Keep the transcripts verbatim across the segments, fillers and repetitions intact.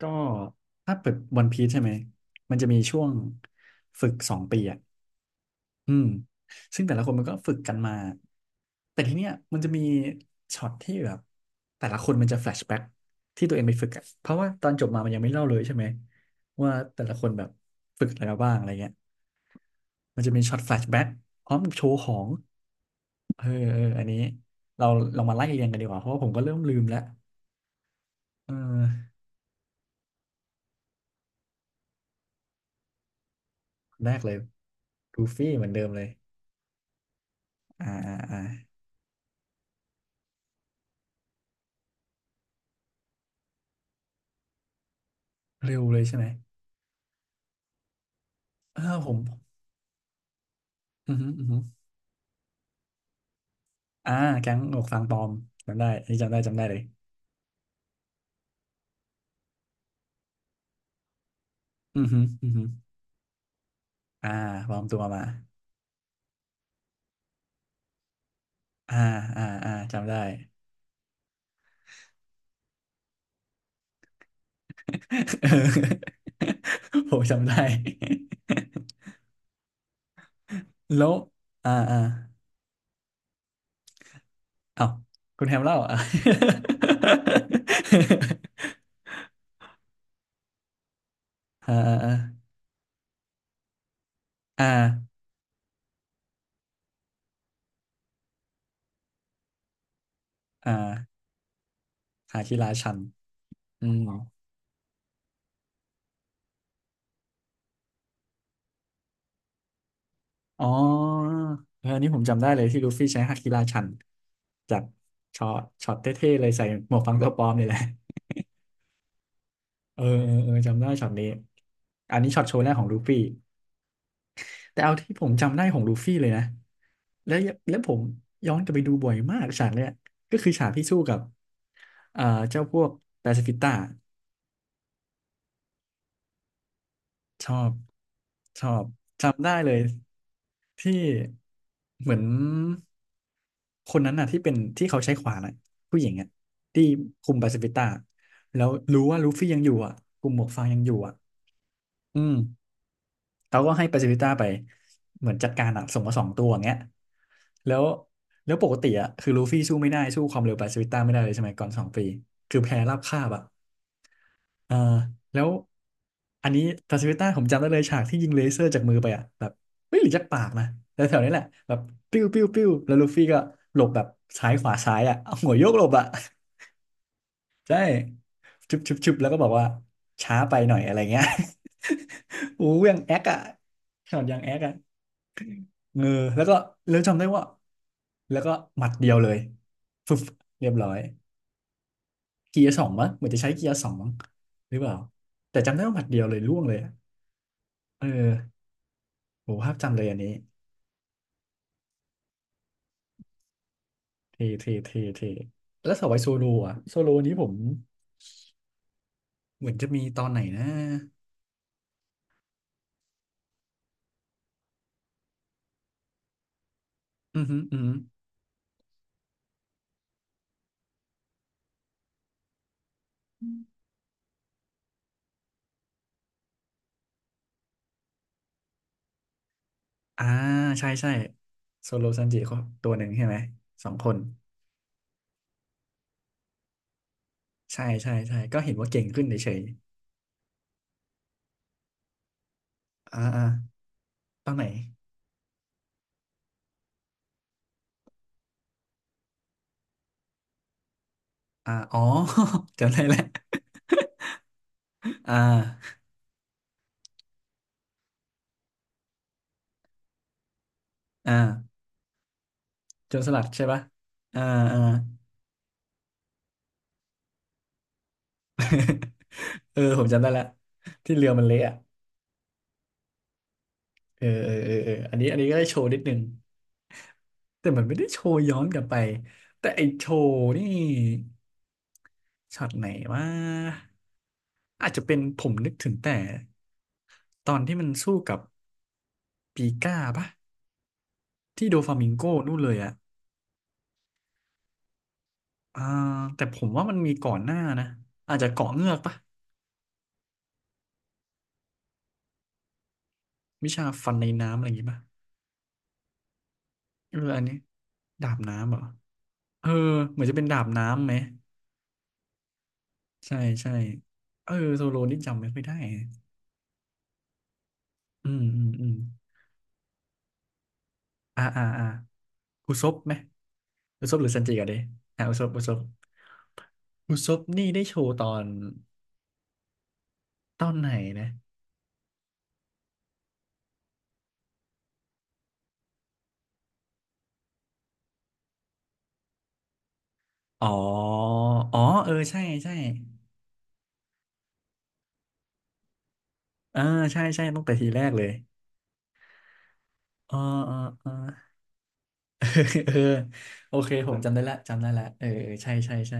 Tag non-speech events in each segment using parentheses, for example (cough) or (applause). ก็ถ้าเปิดวันพี e ใช่ไหมมันจะมีช่วงฝึกสองปีอ่ะอืมซึ่งแต่ละคนมันก็ฝึกกันมาแต่ทีเนี้ยมันจะมีช็อตที่แบบแต่ละคนมันจะแฟลชแบ็กที่ตัวเองไปฝึกอ่ะเพราะว่าตอนจบมามันยังไม่เล่าเลยใช่ไหมว่าแต่ละคนแบบฝึกอะไรมาบ้างอะไรเงี้ยมันจะมีช็อตแฟลชแบ็กพร้อมกับโชว์ของเออเอออันนี้เราลองมาไล่เรียงกันดีกว่าเพราะว่าผมก็เริ่มลืมแล้วเออคนแรกเลยดูฟี่เหมือนเดิมเลยอ่าอ่าอ่า เร็วเลยใช่ไหมเออผมอือฮึอือฮึอ่าแก๊งหมวกฟางปลอมจำได้อันนี้จำได้จำได้เลยอือฮึอือฮึอ่าปลอมตัวมาอ่าอ่าอ่าจำได้ (laughs) เออผมจำได้ (laughs) แล้วอ่าอ่าเอ้าคุณแฮมเล่าอ่ะ (laughs) อ่าอ่าอ่าอ่าอาอาคิราชันอืม อ๋อเอออันนี้ผมจำได้เลยที่ลูฟี่ใช้ฮาคิราชันจากช็อตช็อตเท่ๆเลยใส่หมวกฟังตัวปลอมนี่แหละ (laughs) เออเออเออ จำได้ช็อตนี้ อันนี้ช็อตโชว์แรกของลูฟี่แต่เอาที่ผมจำได้ของลูฟี่เลยนะแล้วแล้วผมย้อนกลับไปดูบ่อยมากฉากเนี้ยก็คือฉากที่สู้กับเอ่อเจ้าพวกปาซิฟิสต้าชอบชอบจำได้เลยที่เหมือน คนนั้นน่ะที่เป็นที่เขาใช้ขวานน่ะผู้หญิงอ่ะที่คุมปาซิฟิต้าแล้วรู้ว่าลูฟี่ยังอยู่อ่ะกลุ่มหมวกฟางยังอยู่อ่ะอืมเขาก็ให้ปาซิฟิต้าไปเหมือนจัดการอ่ะส่งมาสองตัวอย่างเงี้ยแล้วแล้วปกติอ่ะคือลูฟี่สู้ไม่ได้สู้ความเร็วปาซิฟิต้าไม่ได้เลยใช่ไหมก่อนสองปีคือแพ้ราบคาบอ่ะ เออแล้วอันนี้ตาสวิต้าผมจำได้เลยฉากที่ยิงเลเซอร์จากมือไปอ่ะแบบไม่หรือจากปากนะแต่แถวๆนี้แหละแบบปิ้วปิ้วปิ้วแล้วลูฟี่ก็หลบแบบซ้ายขวาซ้ายอ่ะเอาหัวโยกหลบอ่ะ (laughs) ใช่ชุบชุบชุบแล้วก็บอกว่าช้าไปหน่อยอะไรเงี้ย (laughs) อู้ยังแอคอ่ะช็อตยังแอคอ่ะเออแล้วก็แล้วจำได้ว่าแล้วก็หมัดเดียวเลยฟึบเรียบร้อยเกียร์สองมั้งเหมือนจะใช้เกียร์สองมั้งหรือเปล่าแต่จำได้ว่าหมัดเดียวเลยล่วงเลยอะเออ โหภาพจำเลยอันนี้เท่เท่เท่เท่แล้วสวายโซโลอะโซโลนี้ผมเหมือนจะมีตอนไหนนะอือหืออือหืออ่าใช่ใช่โซโลซันจิเขาตัวหนึ่งใช่ไหมสองคนใช่ใช่ใช่ก็เห็นว่าเก่งขึ้นเฉยๆอ่าอ่าตอนไหนอ่าอ๋อ (laughs) จำได้แล้วอ่าอ่าโจรสลัดใช่ปะอ่าอ่าเออผมจำได้แล้วที่เรือมันเละอะเออเออเออเอออันนี้อันนี้ก็ได้โชว์นิดนึง แต่มันไม่ได้โชว์ย้อนกลับไป แต่ไอโชว์นี่ช็อตไหนว่าอาจจะเป็นผมนึกถึงแต่ตอนที่มันสู้กับปีก้าปะที่โดฟามิงโกนู่นเลยอะอ่าแต่ผมว่ามันมีก่อนหน้านะอาจจะเกาะเงือกปะวิชาฟันในน้ำอะไรอย่างงี้ปะเอออันนี้ดาบน้ำเหรอเออเหมือนจะเป็นดาบน้ำไหมใช่ใช่เออโซโลนี่จำไม่ค่อยได้อืมอืมอืมอ่าอ่าอ่าคุซบไหม อุซบหรือซันจิกันดิอ่ะอุซบอุซบอุซบนี่ได้โชว์ตอนตอนไหนนะอ๋ออ๋อเออใช่ใช่เออใช่ใช่ตั้งแต่ทีแรกเลยอ๋ออ๋ออ๋อ (laughs) เออโอเคผมจำได้ละจำได้ละเออเออใช่ใช่ใช่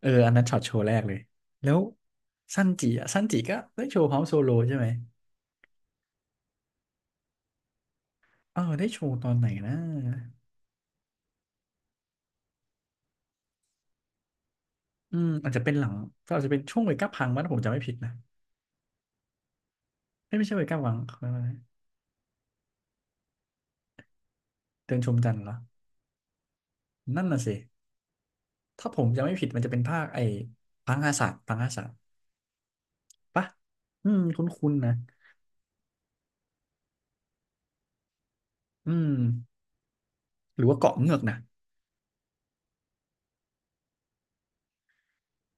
เอออันนั้นช็อตโชว์แรกเลยแล้วซันจิอ่ะซันจิก็ได้โชว์เฮาโซโลใช่ไหมเออได้โชว์ตอนไหนนะอืมอาจจะเป็นหลังก็อาจจะเป็นช่วงเวก้าพังมั้งถ้าผมจำไม่ผิดนะไอ่ไม่ใช่เวก้าพังเขาเรียกว่าอะไรเดินชมจันทร์เหรอนั่นน่ะสิ ถ้าผมจำไม่ผิดมันจะเป็นภาคไอ้พังอาสาพังอาสาปะอืมคุ้นๆนะอืมหรือว่าเกาะเงือกนะ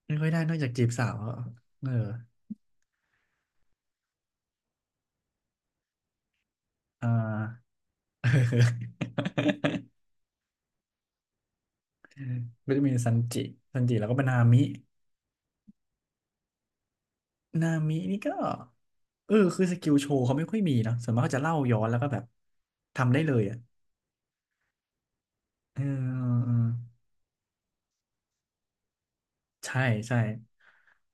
ไม่ค่อยได้นอกจากจีบสาวเอออ่า (laughs) ก็จะมีซันจิซันจิแล้วก็เป็นนามินามินี่ก็เออคือสกิลโชว์เขาไม่ค่อยมีเนาะส่วนมากเขาจะเล่าย้อนแล้วก็แบบทำได้เลยอ่ะเออเออใช่ใช่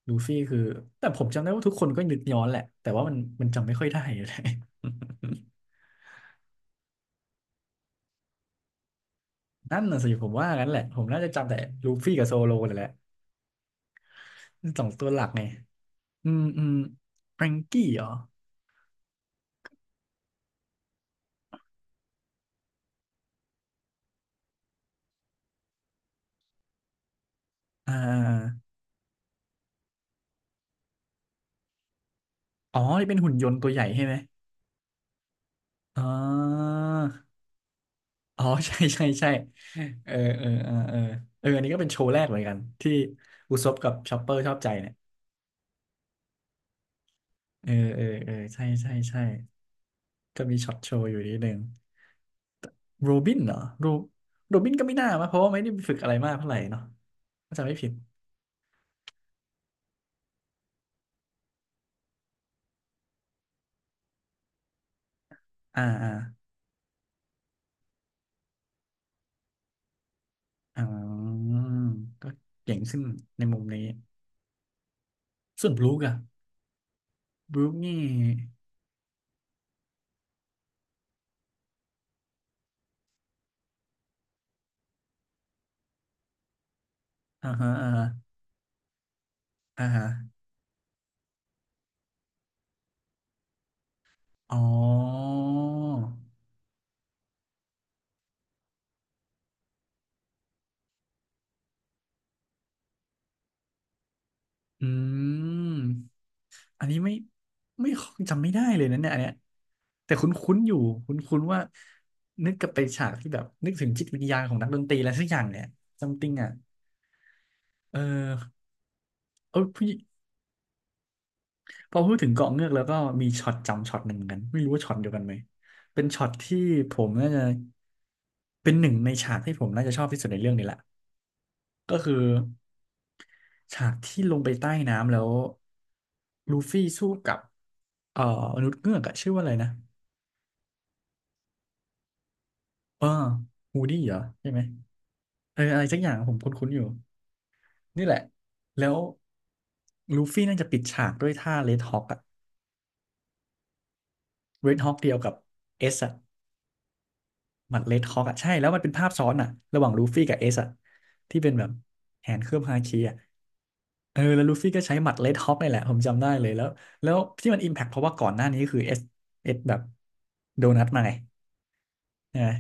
ลูฟี่คือแต่ผมจำได้ว่าทุกคนก็นึกย้อนแหละแต่ว่ามันมันจำไม่ค่อยได้เลย นั่นน่ะสิผมว่างั้นแหละผมน่าจะจำแต่ลูฟี่กับโซโลเลยแหละสองตัวหลักไงอืมอืมแฟรงกี้เหรออ่าอ๋อนี่เป็นหุ่นยนต์ตัวใหญ่ใช่ไหมอ๋ออ๋อ (laughs) ใช่ใช่ใช่เออเออเออเออเอออันนี้ก็เป็นโชว์แรกเหมือนกันที่อุซบกับชอปเปอร์ชอบใจเนี่ยเออเออเออใช่ใช่ใช่ก็มีช็อตโชว์อยู่นิดนึงโรบินเหรอโรโรบินก็ไม่น่ามาเพราะว่าไม่ได้ฝึกอะไรมากเท่าไหร่เนาะถ้าจำไม่ผิดอ่าอ่า อ๋อก็เก่งขึ้นในมุมนี้ส่วนบลูกอะบลูกนี่อ่าฮะอ่าฮะอ่าฮะอ๋ออืม อันนี้ไม่ไม่จำไม่ได้เลยนะเนี่ยอันเนี้ยแต่คุ้นๆอยู่คุ้นๆว่านึกกลับไปฉากที่แบบนึกถึงจิตวิญญาณของนักดนตรีอะไรสักอย่างเนี่ยซัมติงอ่ะเออเออผู้ พอพูดถึงเกาะเงือกแล้วก็มีช็อตจำช็อตหนึ่งเหมือนกันไม่รู้ว่าช็อตเดียวกันไหมเป็นช็อตที่ผมน่าจะเป็นหนึ่งในฉากที่ผมน่าจะชอบที่สุดในเรื่องนี้แหละก็คือฉากที่ลงไปใต้น้ำแล้วลูฟี่สู้กับเอ่อมนุษย์เงือกอะชื่อว่าอะไรนะเออฮูดี้เหรอใช่ไหมเอออะไรสักอย่างผมคุ้นๆอยู่นี่แหละแล้วลูฟี่น่าจะปิดฉากด้วยท่าเรดฮอ k อะเรดฮอ เค เดียวกับเอสอะ หมัดเรดฮอกอ่ะใช่แล้วมันเป็นภาพซ้อนอ่ะระหว่างลูฟี่กับเอสอ่ะที่เป็นแบบแขนเคลือบฮาคิอ่ะเออแล้วลูฟี่ก็ใช้หมัดเรดฮอกนี่แหละผมจำได้เลยแล้วแล้วที่มันอิมแพคเพราะว่าก่อนหน้านี้คือเอสเอสแบบโดนัทมาไงใช่ไหม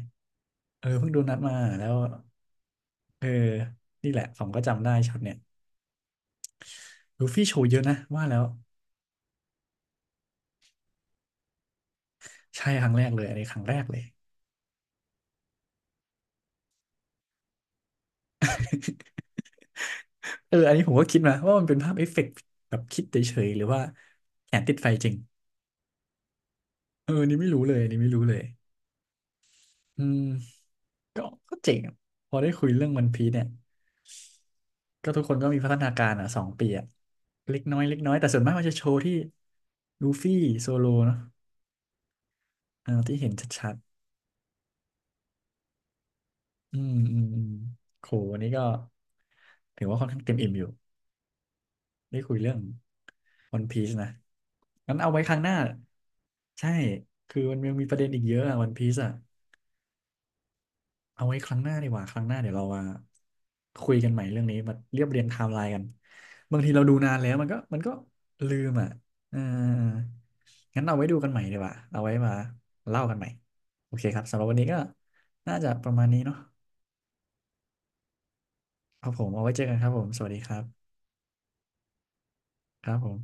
เออเพิ่งโดนัทมาแล้วเออนี่แหละผมก็จำได้ช็อตเนี่ยลูฟี่โชว์เยอะนะว่าแล้วใช่ครั้งแรกเลยอันนี้ครั้งแรกเลยเอออันนี้ผมก็คิดนะว่ามันเป็นภาพเอฟเฟกต์แบบคิดเฉยๆหรือว่าแขนติดไฟจริงเอออันนี่ไม่รู้เลยอันนี่ไม่รู้เลยอืม ก็ก็เจ๋งอะพอได้คุยเรื่องวันพีซเนี่ยก็ทุกคนก็มีพัฒนาการอ่ะสองปีอ่ะเล็กน้อยเล็กน้อยแต่ส่วนมากมันจะโชว์ที่ลูฟี่โซโลเนาะเออที่เห็นชัดๆอืมอืมอืมโหวันนี้ก็ถือว่าค่อนข้างเต็มอิ่มอยู่ได้คุยเรื่องวันพีซนะงั้นเอาไว้ครั้งหน้าใช่คือมันยังมีประเด็นอีกเยอะอ่ะวันพีซอ่ะ เอาไว้ครั้งหน้าดีกว่าครั้งหน้าเดี๋ยวเรามาคุยกันใหม่เรื่องนี้มาเรียบเรียงไทม์ไลน์กันบางทีเราดูนานแล้วมันก็มันก็ลืมอ่ะเอองั้นเอาไว้ดูกันใหม่ดีกว่าเอาไว้มาเล่ากันใหม่โอเคครับสำหรับวันนี้ก็น่าจะประมาณนี้เนาะครับผมเอาไว้เจอกันครับผมสวัสดีครับครับผม